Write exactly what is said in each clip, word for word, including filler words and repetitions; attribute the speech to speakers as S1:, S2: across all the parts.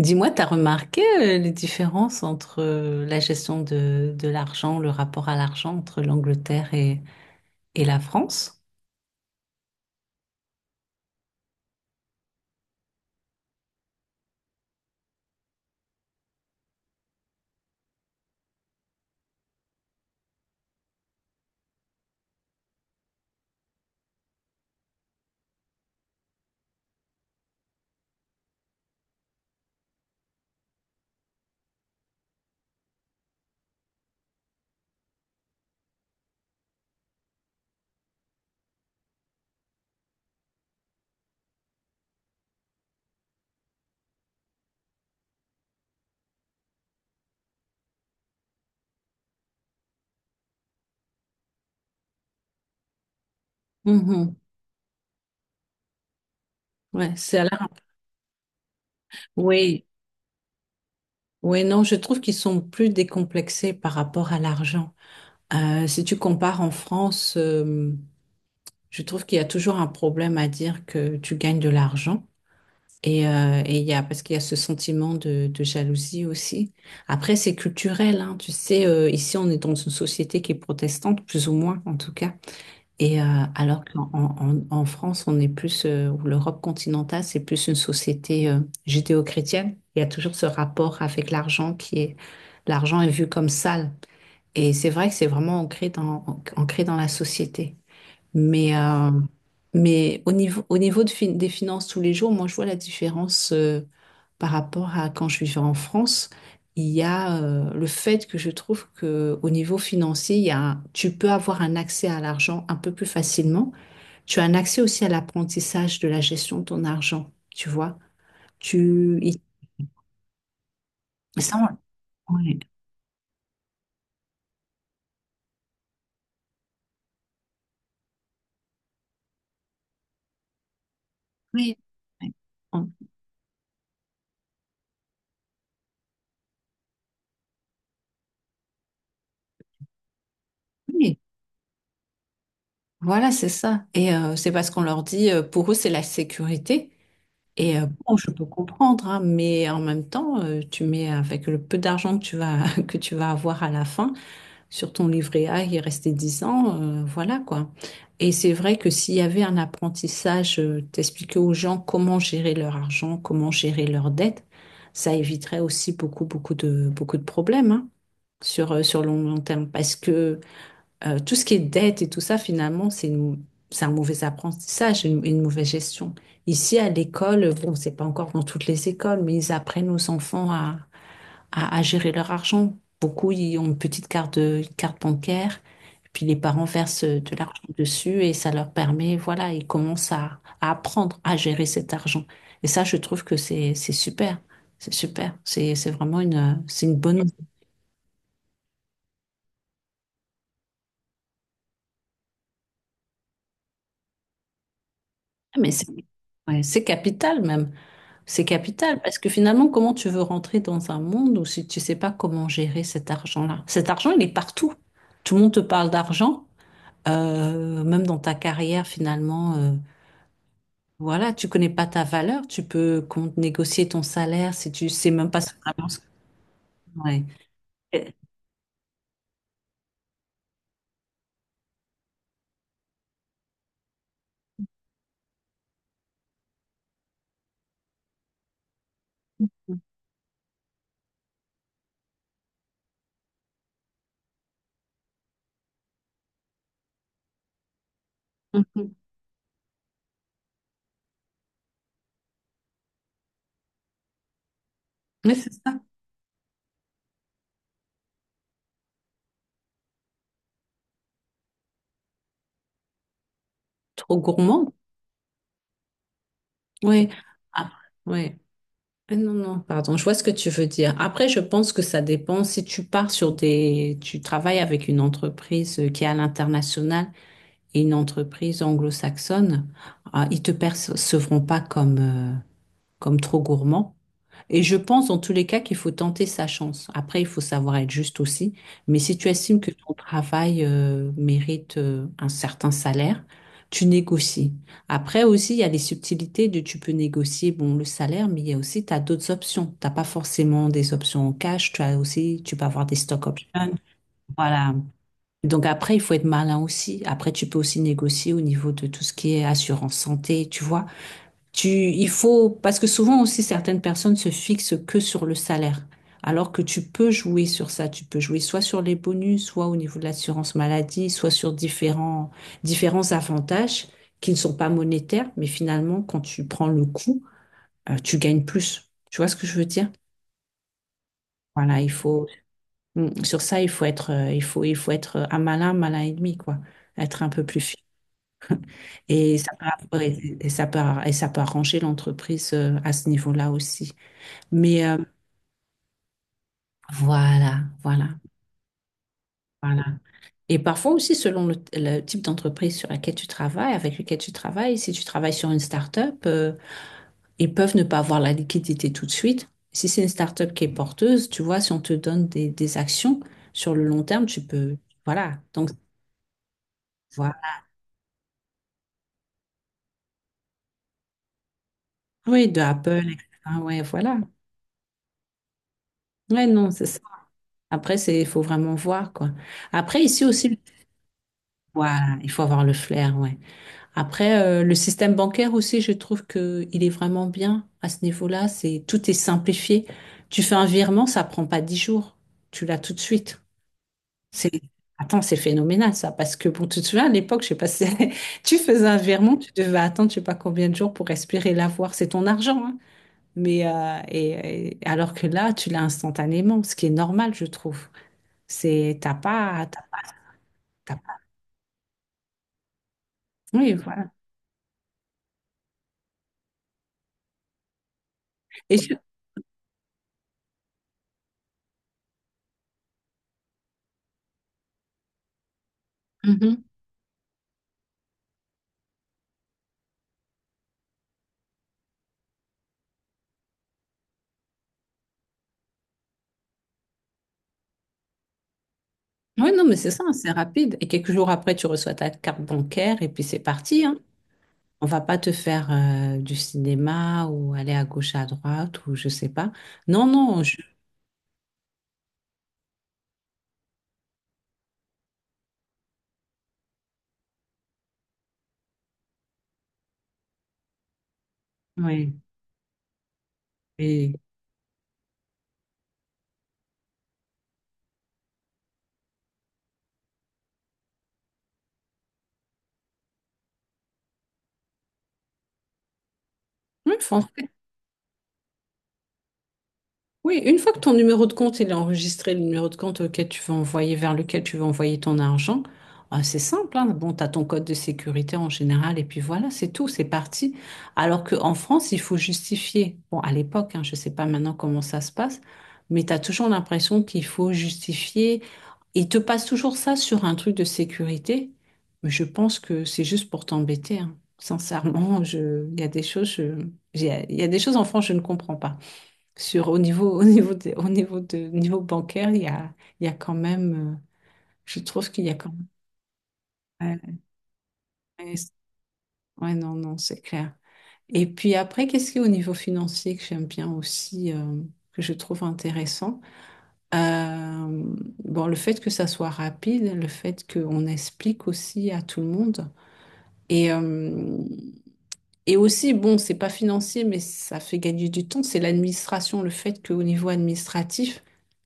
S1: Dis-moi, t'as remarqué euh, les différences entre euh, la gestion de, de l'argent, le rapport à l'argent entre l'Angleterre et, et la France? Mhm. Ouais, c'est à la... Oui, oui, non, je trouve qu'ils sont plus décomplexés par rapport à l'argent. Euh, si tu compares en France, euh, je trouve qu'il y a toujours un problème à dire que tu gagnes de l'argent. Et, euh, et il y a, parce qu'il y a ce sentiment de, de jalousie aussi. Après, c'est culturel, hein. Tu sais, euh, ici, on est dans une société qui est protestante, plus ou moins, en tout cas. Et euh, alors qu'en en, en- en France, on est plus, euh, ou l'Europe continentale, c'est plus une société euh, judéo-chrétienne. Il y a toujours ce rapport avec l'argent qui est, l'argent est vu comme sale. Et c'est vrai que c'est vraiment ancré dans, ancré dans la société. Mais, euh, mais au niveau, au niveau de fin- des finances tous les jours, moi, je vois la différence euh, par rapport à quand je vivais en France. Il y a euh, le fait que je trouve que au niveau financier, il y a, un- tu peux avoir un accès à l'argent un peu plus facilement. Tu as un accès aussi à l'apprentissage de la gestion de ton argent, tu vois. Tu, il- ça, on- Oui, oui, oui. Oui, voilà, c'est ça. Et euh, c'est parce qu'on leur dit, euh, pour eux, c'est la sécurité. Et euh, bon, je peux comprendre, hein, mais en même temps, euh, tu mets avec le peu d'argent que tu vas, que tu vas avoir à la fin sur ton livret A, il restait dix ans, euh, voilà quoi. Et c'est vrai que s'il y avait un apprentissage, euh, t'expliquer aux gens comment gérer leur argent, comment gérer leurs dettes, ça éviterait aussi beaucoup, beaucoup de, beaucoup de problèmes, hein, sur, euh, sur le long, long terme. Parce que euh, tout ce qui est dette et tout ça, finalement, c'est une- c'est un mauvais apprentissage, une, une mauvaise gestion. Ici, à l'école, bon, c'est pas encore dans toutes les écoles, mais ils apprennent aux enfants à, à, à gérer leur argent. Beaucoup, ils ont une petite carte, de- une carte bancaire, puis les parents versent de l'argent dessus et ça leur permet, voilà, ils commencent à, à apprendre à gérer cet argent. Et ça, je trouve que c'est, c'est super. C'est super. C'est, c'est vraiment une, c'est une bonne. Mais c'est, ouais, c'est capital même. C'est capital parce que finalement, comment tu veux rentrer dans un monde où si tu sais pas comment gérer cet argent-là? Cet argent, il est partout. Tout le monde te parle d'argent, euh, même dans ta carrière finalement. Euh, voilà, tu connais pas ta valeur, tu peux compte négocier ton salaire si tu sais même pas ce vraiment ce que- ouais. Et- Mhm. Oui, c'est ça. Trop gourmand. Oui. Ah, oui. Ah, non, non, pardon, je vois ce que tu veux dire. Après, je pense que ça dépend si tu pars sur des... Tu travailles avec une entreprise euh, qui est à l'international et une entreprise anglo-saxonne, ah, ils te percevront pas comme, euh, comme trop gourmand. Et je pense en tous les cas qu'il faut tenter sa chance. Après, il faut savoir être juste aussi. Mais si tu estimes que ton travail euh, mérite euh, un certain salaire, tu négocies. Après aussi, il y a les subtilités de tu peux négocier bon le salaire, mais il y a aussi tu as d'autres options. T'as pas forcément des options en cash. Tu as aussi tu peux avoir des stock options. Voilà. Donc après, il faut être malin aussi. Après, tu peux aussi négocier au niveau de tout ce qui est assurance santé, tu vois. Tu, il faut, parce que souvent aussi certaines personnes se fixent que sur le salaire, alors que tu peux jouer sur ça. Tu peux jouer soit sur les bonus, soit au niveau de l'assurance maladie, soit sur différents, différents avantages qui ne sont pas monétaires, mais finalement, quand tu prends le coup, euh, tu gagnes plus. Tu vois ce que je veux dire? Voilà, il faut, Mm, sur ça, il faut être, euh, il faut, il faut être euh, un malin, malin et demi, quoi. Être un peu plus fin. Et ça peut, et ça peut, et ça peut arranger l'entreprise euh, à ce niveau-là aussi. Mais euh, voilà, voilà. Voilà. Et parfois aussi, selon le, le type d'entreprise sur laquelle tu travailles, avec lequel tu travailles, si tu travailles sur une start-up, euh, ils peuvent ne pas avoir la liquidité tout de suite. Si c'est une start-up qui est porteuse, tu vois, si on te donne des, des actions sur le long terme, tu peux. Voilà. Donc, voilà. Oui, de Apple, et cetera. Ouais, voilà. Ouais, non, c'est ça. Après, c'est, il faut vraiment voir, quoi. Après, ici aussi, voilà, il faut avoir le flair, ouais. Après, euh, le système bancaire aussi, je trouve que il est vraiment bien à ce niveau-là. C'est tout est simplifié. Tu fais un virement, ça prend pas dix jours. Tu l'as tout de suite. C'est attends, c'est phénoménal ça, parce que bon, tu te souviens à l'époque, je sais pas si tu faisais un virement, tu devais attendre, je sais pas combien de jours pour espérer l'avoir. C'est ton argent, hein. Mais euh, et, et- alors que là, tu l'as instantanément, ce qui est normal, je trouve. C'est t'as pas, t'as- t'as pas- Oui, voilà. Et je- Mhm. Oui, non, mais c'est ça, c'est rapide. Et quelques jours après, tu reçois ta carte bancaire et puis c'est parti, hein. On va pas te faire euh, du cinéma ou aller à gauche, à droite ou je sais pas. Non, non, je... Oui, et... oui, français. Oui, une fois que ton numéro de compte il est enregistré, le numéro de compte auquel tu veux envoyer, vers lequel tu veux envoyer ton argent, ah, c'est simple, hein. Bon, tu as ton code de sécurité en général, et puis voilà, c'est tout, c'est parti. Alors qu'en France, il faut justifier. Bon, à l'époque, hein, je ne sais pas maintenant comment ça se passe, mais tu as toujours l'impression qu'il faut justifier. Ils te passent toujours ça sur un truc de sécurité, mais je pense que c'est juste pour t'embêter, hein. Sincèrement, je... il y a des choses, je- il y a il y a des choses en France, je ne comprends pas. Sur, au niveau, au niveau de- au niveau de, niveau bancaire, il y a, il y a quand même, euh, je trouve qu'il y a quand même. Ouais, ouais, c'est- ouais, non, non, c'est clair. Et puis après, qu'est-ce qui est au niveau financier que j'aime bien aussi, euh, que je trouve intéressant? Euh, bon, le fait que ça soit rapide, le fait qu'on explique aussi à tout le monde. Et, euh, Et aussi, bon, c'est pas financier, mais ça fait gagner du temps, c'est l'administration, le fait qu'au niveau administratif,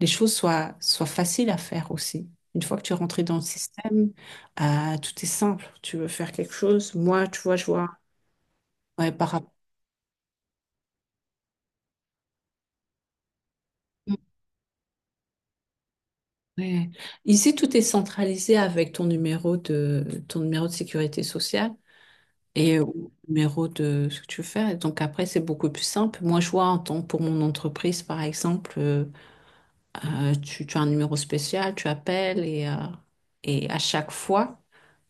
S1: les choses soient, soient faciles à faire aussi. Une fois que tu es rentré dans le système, euh, tout est simple. Tu veux faire quelque chose, moi, tu vois, je vois, ouais, par rapport. Ouais. Ici, tout est centralisé avec ton numéro de ton numéro de sécurité sociale et au numéro de ce que tu veux faire. Donc après, c'est beaucoup plus simple. Moi, je vois en tant pour mon entreprise, par exemple, euh, Euh, tu, tu as un numéro spécial, tu appelles et, euh, et à chaque fois,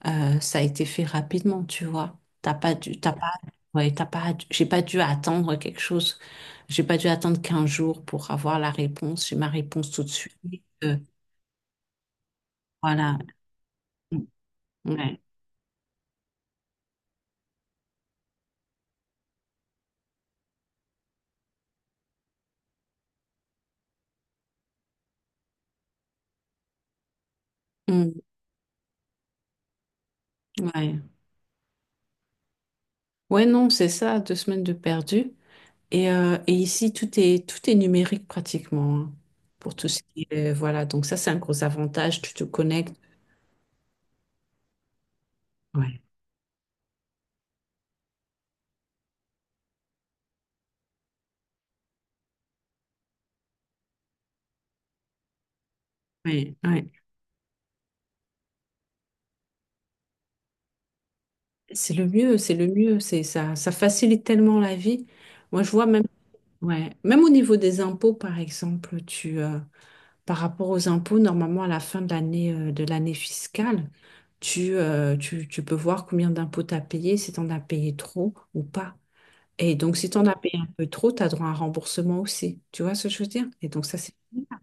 S1: euh, ça a été fait rapidement, tu vois. T'as pas dû, t'as pas, ouais, t'as pas, dû- j'ai pas dû attendre quelque chose. J'ai pas dû attendre quinze jours pour avoir la réponse. J'ai ma réponse tout de suite. Euh, voilà. Mm, ouais. Mm, ouais. Ouais, non, c'est ça, deux semaines de perdu. Et, euh, et ici, tout est, tout est numérique pratiquement, hein, pour tout ce qui est, voilà. Donc ça, c'est un gros avantage. Tu te connectes. Ouais. Ouais. Ouais. C'est le mieux, c'est le mieux, c'est ça, ça facilite tellement la vie. Moi, je vois même, ouais, même au niveau des impôts, par exemple, tu, euh, par rapport aux impôts, normalement à la fin de l'année, euh, de l'année fiscale, tu, euh, tu, tu peux voir combien d'impôts tu as payé, si tu en as payé trop ou pas. Et donc, si tu en as payé un peu trop, tu as droit à un remboursement aussi. Tu vois ce que je veux dire? Et donc, ça, c'est... Ah,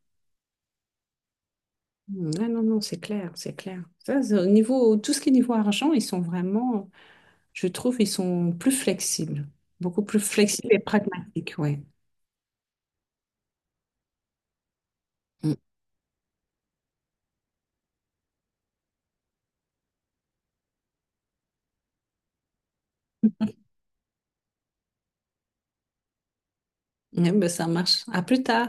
S1: non, non, non, c'est clair, c'est clair. Ça, c'est au niveau, tout ce qui est niveau argent, ils sont vraiment... Je trouve ils sont plus flexibles, beaucoup plus flexibles et pragmatiques, ouais. Mm. Ouais, ben, ça marche. À plus tard.